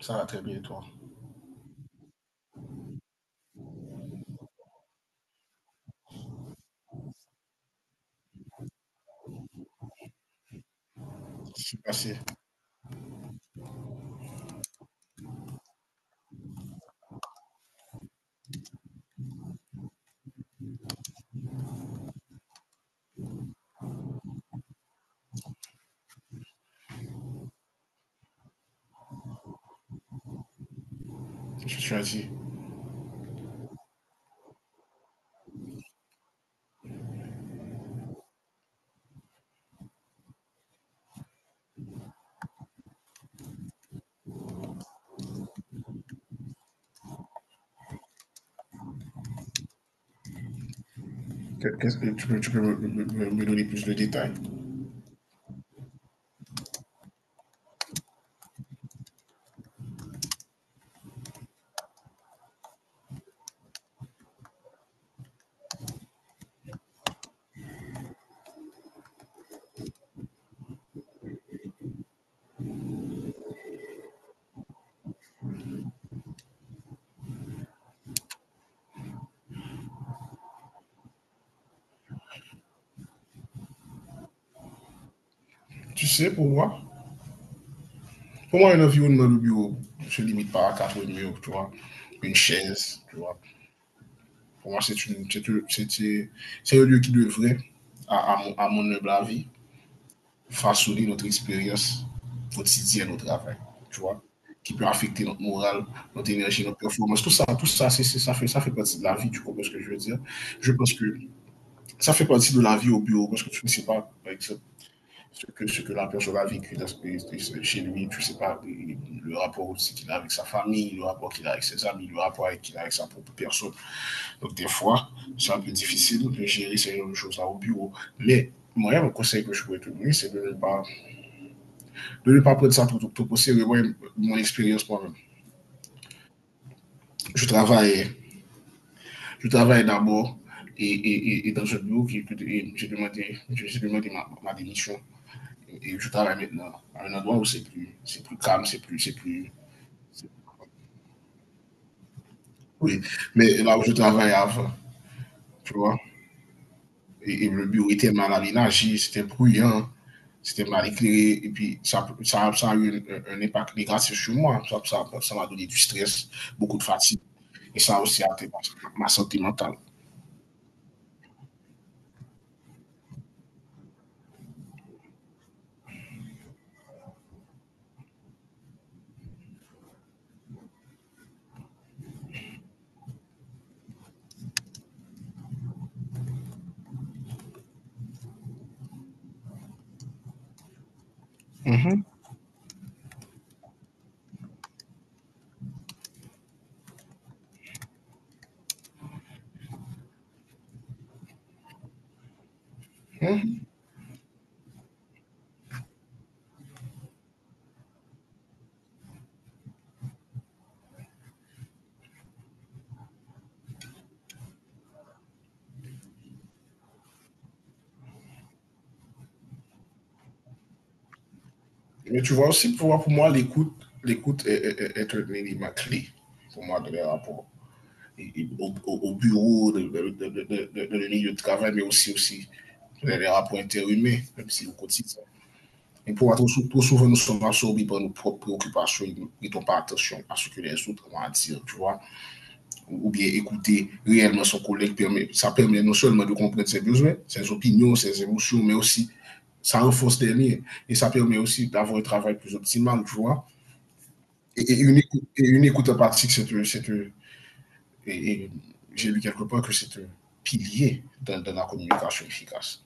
Ça va très bien, et toi. Merci. Je suis assis. Qu'est-ce que tu peux me donner plus de détails. Tu sais, pour moi, un environnement de bureau se limite pas à quatre murs, tu vois, une chaise, tu vois. Pour moi, c'est une, c'est une- c'est un lieu qui devrait, à mon humble avis, façonner notre expérience quotidienne au travail, tu vois, qui peut affecter notre morale, notre énergie, notre performance, tout ça, ça fait partie de la vie, tu comprends ce que je veux dire? Je pense que ça fait partie de la vie au bureau parce que tu ne sais pas, par exemple, ce que la personne a vécu dans ce, chez lui, tu ne sais pas le rapport aussi qu'il a avec sa famille, le rapport qu'il a avec ses amis, le rapport qu'il a avec sa propre personne. Donc, des fois, c'est un peu difficile de gérer ces choses-là au bureau. Mais moi, le conseil que je pourrais te donner, c'est de ne pas prendre ça pour tout possible. Moi, mon expérience, moi-même, je travaille, je travaille d'abord et dans un bureau, qui, et j'ai demandé, j'ai demandé ma démission. Et je travaille maintenant à un endroit où c'est plus calme, c'est plus oui. Mais là où je travaillais avant, tu vois, et le bureau était mal aménagé, c'était bruyant, c'était mal éclairé, et puis ça a eu un impact négatif sur moi. Ça m'a donné du stress, beaucoup de fatigue, et ça a aussi a atteint ma santé mentale. Mhm, mhm. Mais tu vois aussi, pour moi, l'écoute, l'écoute est un élément clé pour moi de les rapports au, au bureau, de lieu de travail, mais aussi, aussi les rapports interhumains, même si vous continuez. Et pour trop, trop souvent, nous sommes absorbés par nos propres préoccupations et nous ne prêtons pas attention à ce que les autres vont dire, tu vois. Ou bien écouter réellement son collègue, permet, ça permet non seulement de comprendre ses besoins, ses opinions, ses émotions, mais aussi ça renforce les liens et ça permet aussi d'avoir un travail plus optimal, tu vois. Et une écoute empathique, c'est et j'ai lu quelque part que c'est un pilier dans, dans la communication efficace.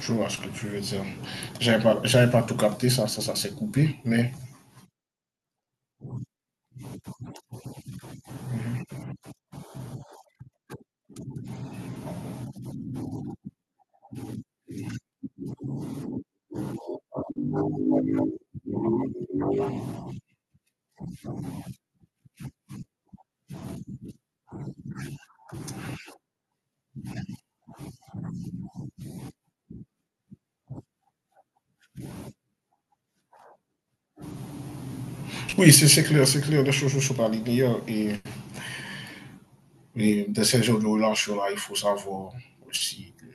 Je vois ce que tu veux dire. J'avais pas tout capté, ça s'est coupé. Mais oui, c'est clair, c'est clair, les choses ne sont pas linéaires. Et dans ces jeux de relation-là, il faut savoir aussi que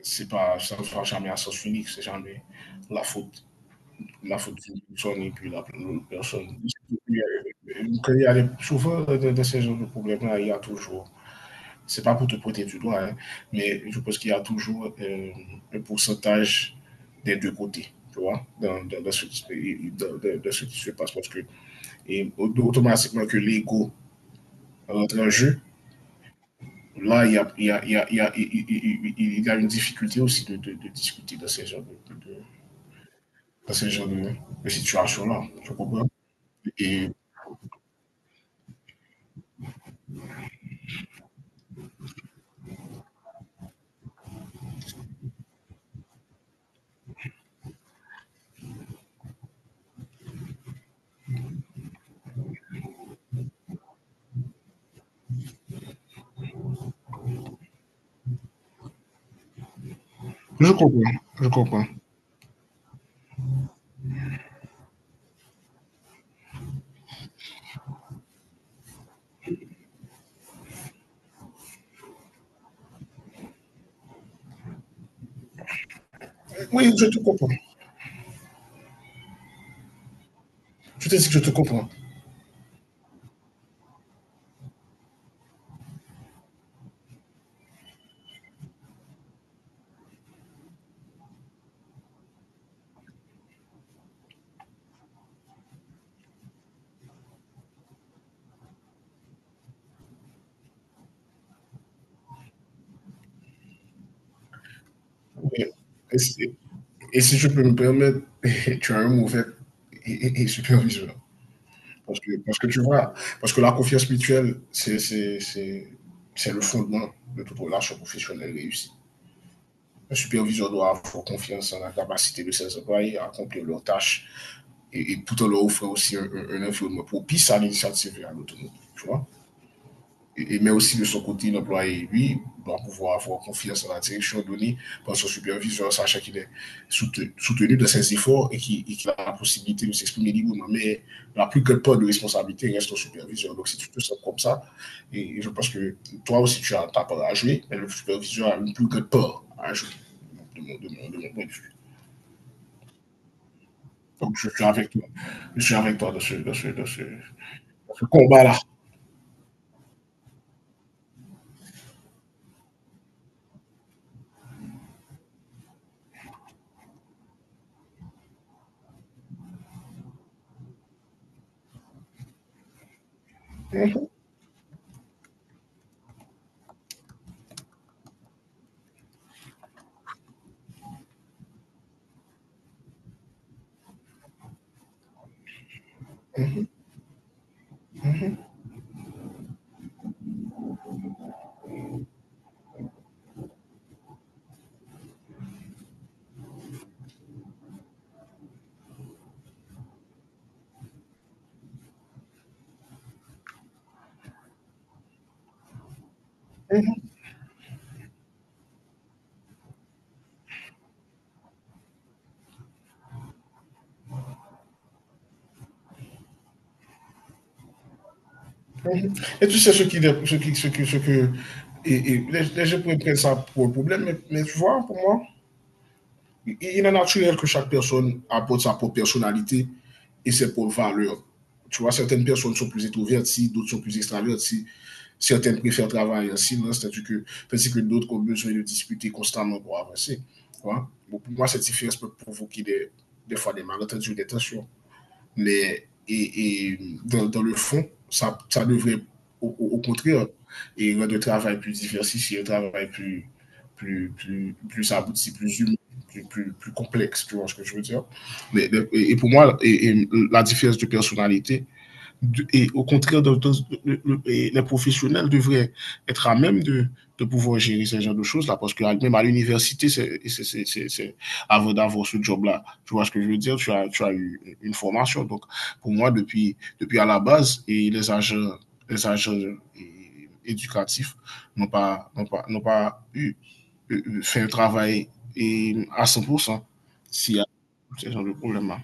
c'est pas, ça ne va jamais à sens unique, c'est jamais la faute la faute d'une personne et puis la personne. Il y a- Quand des- souvent dans ces genres de problèmes-là, il y a toujours c'est pas pour te pointer du doigt, hein, mais je pense qu'il y a toujours un pourcentage des deux côtés, tu vois, dans ce qui se passe. Parce que et, automatiquement que l'ego rentre en jeu, là, il y a, il y a- il y a- il y a- il- y a une difficulté aussi de discuter dans ces genres de dans ces genres de situations-là. Je comprends. Et, je comprends. Je comprends. Oui, je te comprends. Je te dis que je te comprends. Oui. Et Et si je peux me permettre, tu as un mauvais et superviseur. Parce que tu vois, parce que la confiance mutuelle, c'est le fondement de toute relation professionnelle réussie. Un superviseur doit avoir confiance en la capacité de ses employés à accomplir leurs tâches et tout en leur offrant aussi un environnement propice à l'initiative et à l'autonomie. Tu vois? Et mais aussi de son côté, l'employé, lui, doit pouvoir avoir confiance en la direction donnée par son superviseur, sachant qu'il est soutenu dans ses efforts et qu'il et a la possibilité de s'exprimer librement. Mais la plus grande part de responsabilité reste au superviseur. Donc, si tu te sens comme ça, et je pense que toi aussi, tu as ta part à jouer, mais le superviseur a une plus grande part à jouer, de mon point de vue. Donc, je suis avec toi. Je suis avec toi dans ce combat-là. Et tu sais ce qui, ce qui, ce qui, ce que, et les gens pourraient prendre ça pour le problème, mais tu vois, pour moi, il est naturel que chaque personne apporte sa propre personnalité et ses propres valeurs. Tu vois, certaines personnes sont plus introverties, d'autres sont plus extraverties, certaines préfèrent travailler en silence, tandis que d'autres ont besoin de discuter constamment pour avancer. Tu vois. Bon, pour moi, cette différence peut provoquer des fois des malentendus ou des tensions mais et dans, dans, le fond, ça devrait au, au, contraire et rendre le travail plus diversifié, un travail plus, plus, plus, plus abouti, plus humain. Plus, plus, plus, complexe, tu vois ce que je veux dire. Mais, et, pour moi, et la différence de personnalité, et au contraire, les professionnels devraient être à même de pouvoir gérer ce genre de choses-là, parce que même à l'université, avant d'avoir ce job-là, tu vois ce que je veux dire, tu as eu une formation. Donc, pour moi, depuis à la base, les agents éducatifs n'ont pas eu, fait un travail et à 100% s'il y a ce genre de problème-là.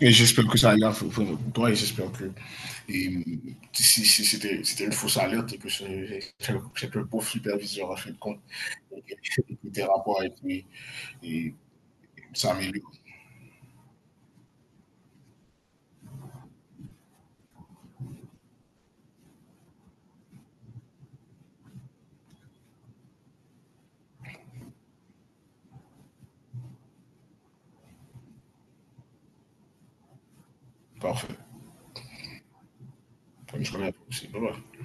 Et j'espère que ça ira pour toi et j'espère que et si c'était c'était une fausse alerte et que ce- c'est le c'est que le pauvre superviseur, en fin de compte, était rapport et puis et ça améliore. Parfait. Je journée à tous. Bye bye.